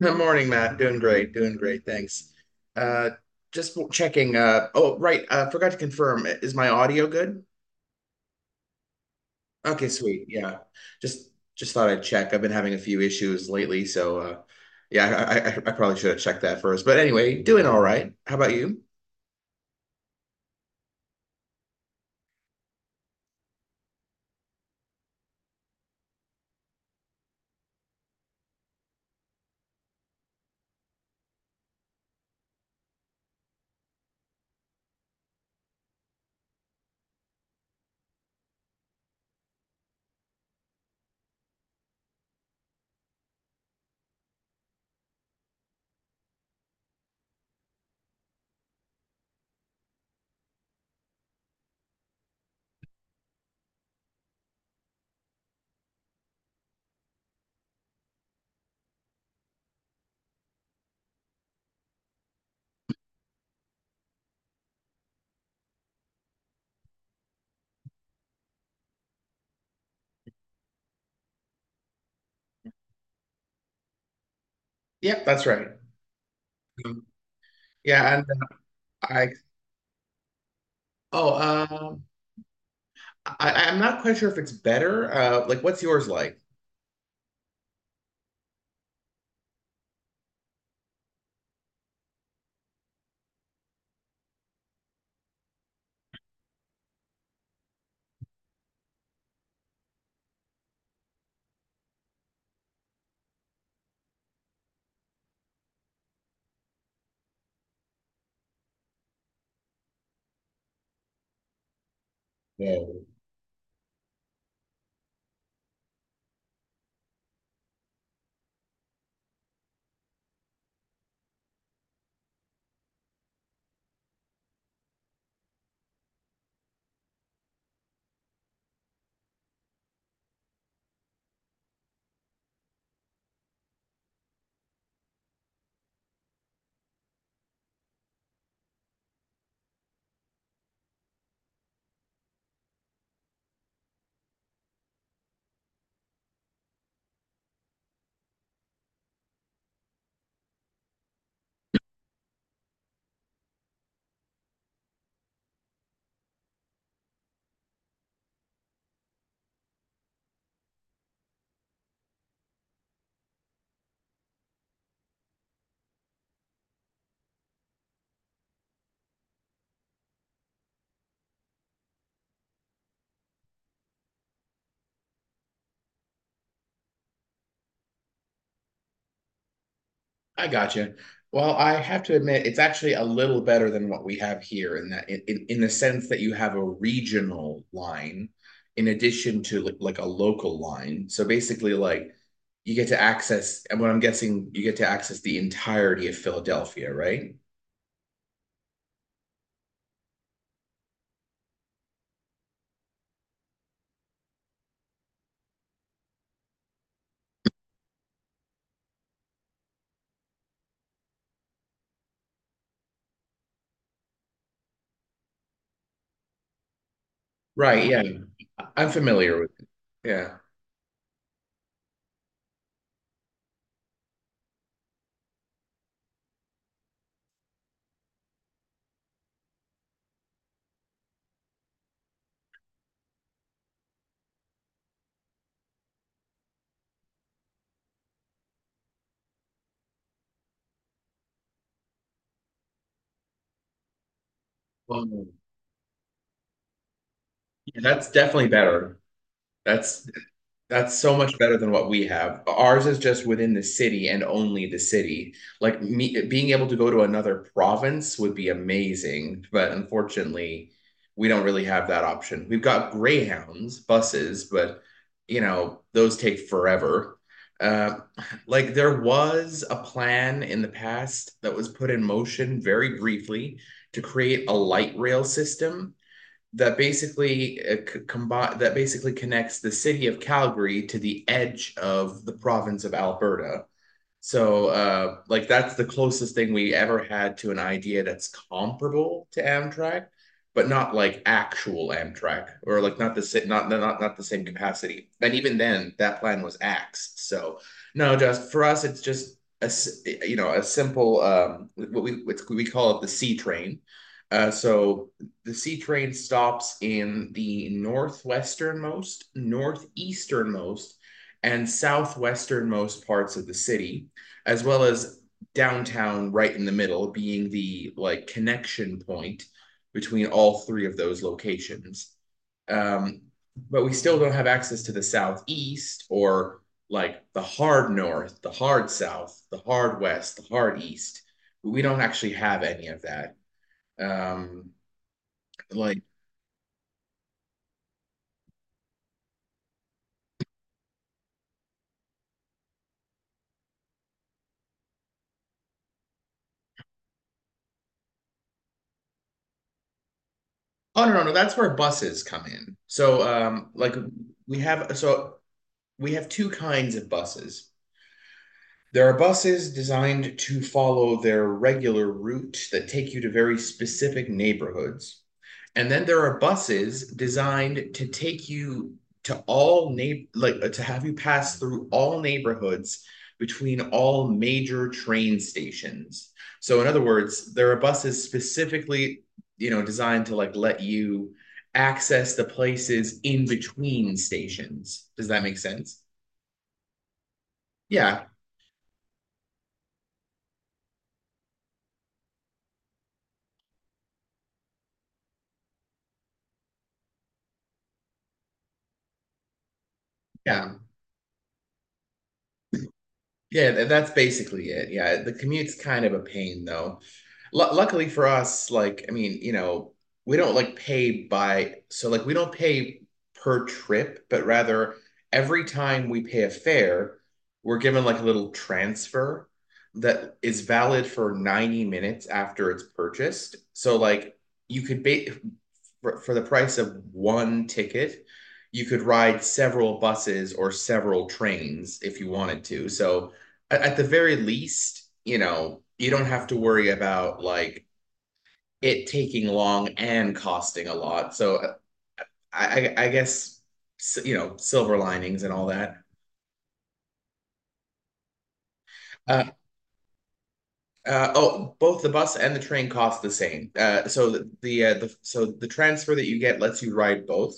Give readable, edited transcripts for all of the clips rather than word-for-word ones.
Good morning, Matt. Doing great. Doing great. Thanks. Uh, just checking. Oh, right. Forgot to confirm. I- Is my audio good? Okay, sweet. Yeah. Just just thought I'd check. I've been having a few issues lately, so yeah, I probably should have checked that first. But anyway, doing all right. How about you? Yep, that's right. Um, yeah, and I oh um I- I'm not quite sure if it's better. Like, what's yours like? I got you. Well, I have to admit, it's actually a little better than what we have here in that in the sense that you have a regional line in addition to like a local line. So basically, like you get to access, and what I'm guessing, you get to access the entirety of Philadelphia, right? Right. Yeah. I am familiar with it. Yeah. Well, yeah, that's definitely better. That's That's so much better than what we have. Ours is just within the city and only the city. Like me being able to go to another province would be amazing, but unfortunately, we don't really have that option. We've got Greyhounds buses, but those take forever. Uh, like there was a plan in the past that was put in motion very briefly to create a light rail system that basically connects the city of Calgary to the edge of the province of Alberta. So like that's the closest thing we ever had to an idea that's comparable to Amtrak, but not like actual Amtrak or like not the si- not not not the same capacity. And even then, that plan was axed. So no, just for us, it's just a you know a simple what we call it the C train. So the C train stops in the northwesternmost, northeasternmost, and southwesternmost parts of the city as well as downtown right in the middle being the like connection point between all three of those locations. Um, but we still don't have access to the southeast or like the hard north, the hard south, the hard west, the hard east. We don't actually have any of that. Um, like, oh, no, no, no, that's where buses come in. So, like, we have we have two kinds of buses. There are buses designed to follow their regular route that take you to very specific neighborhoods. And then there are buses designed to take you to have you pass through all neighborhoods between all major train stations. So in other words, there are buses specifically, designed to like let you access the places in between stations. Does that make sense? Yeah. Yeah. Yeah, that's basically it. Yeah, the commute's kind of a pain though. Lu luckily for us, like, I mean, we don't like pay by, so like we don't pay per trip, but rather every time we pay a fare, we're given like a little transfer that is valid for 90 minutes after it's purchased. So like you could for the price of one ticket, you could ride several buses or several trains if you wanted to. So at the very least, you don't have to worry about like it taking long and costing a lot. So I guess silver linings and all that. Oh, both the bus and the train cost the same. So the transfer that you get lets you ride both,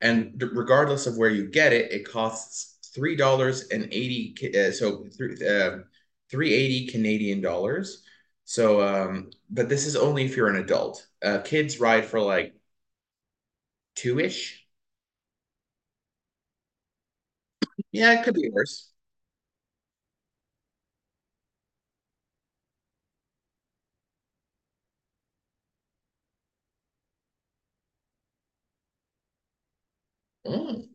and regardless of where you get it, it costs $3.80. So 3.80 Canadian dollars. So, but this is only if you're an adult. Kids ride for like two ish. Yeah, it could be worse. Oh,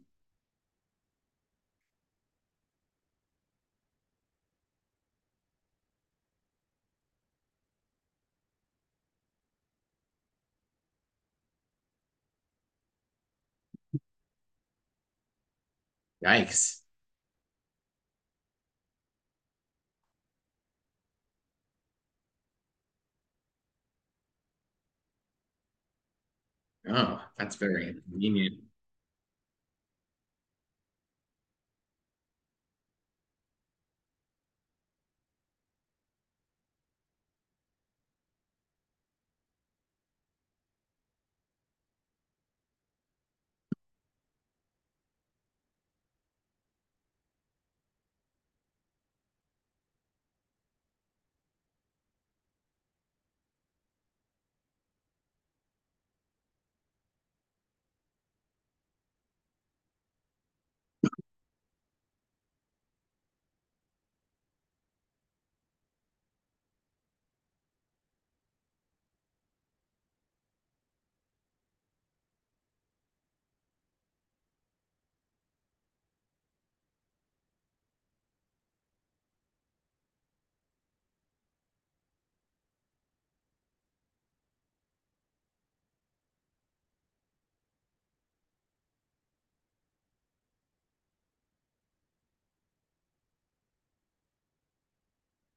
yikes! Oh, that's very inconvenient.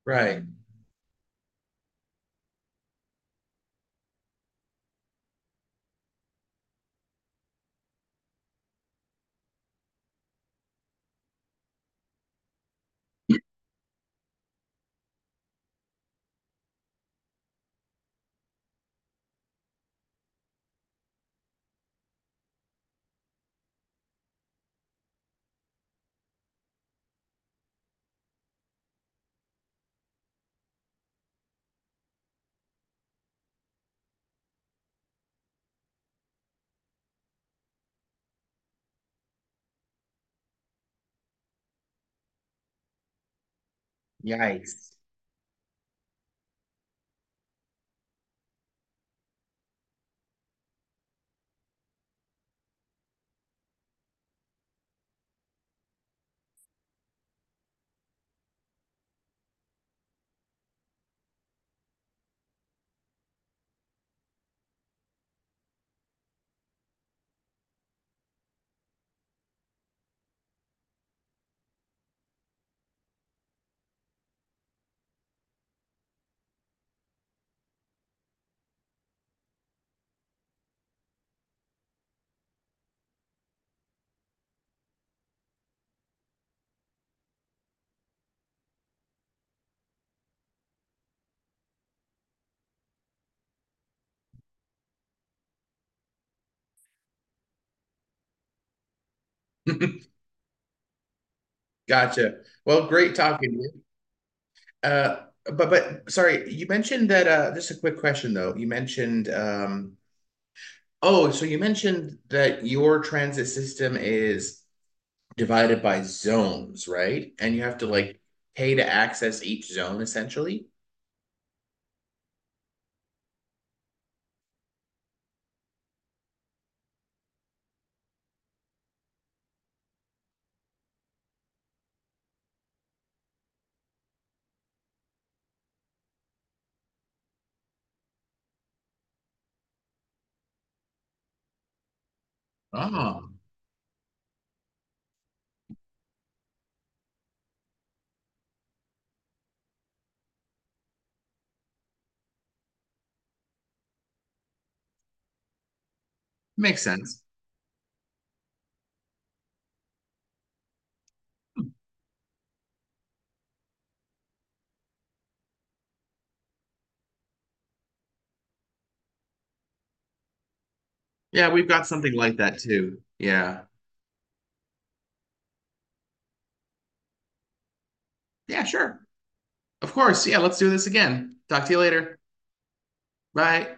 Right. Yikes. Gotcha. Well, great talking to you. Uh, but sorry, you mentioned that just a quick question though. So you mentioned that your transit system is divided by zones, right? And you have to like pay to access each zone essentially. Oh, makes sense. Yeah, we've got something like that too. Yeah. Yeah, sure. Of course. Yeah, let's do this again. Talk to you later. Bye.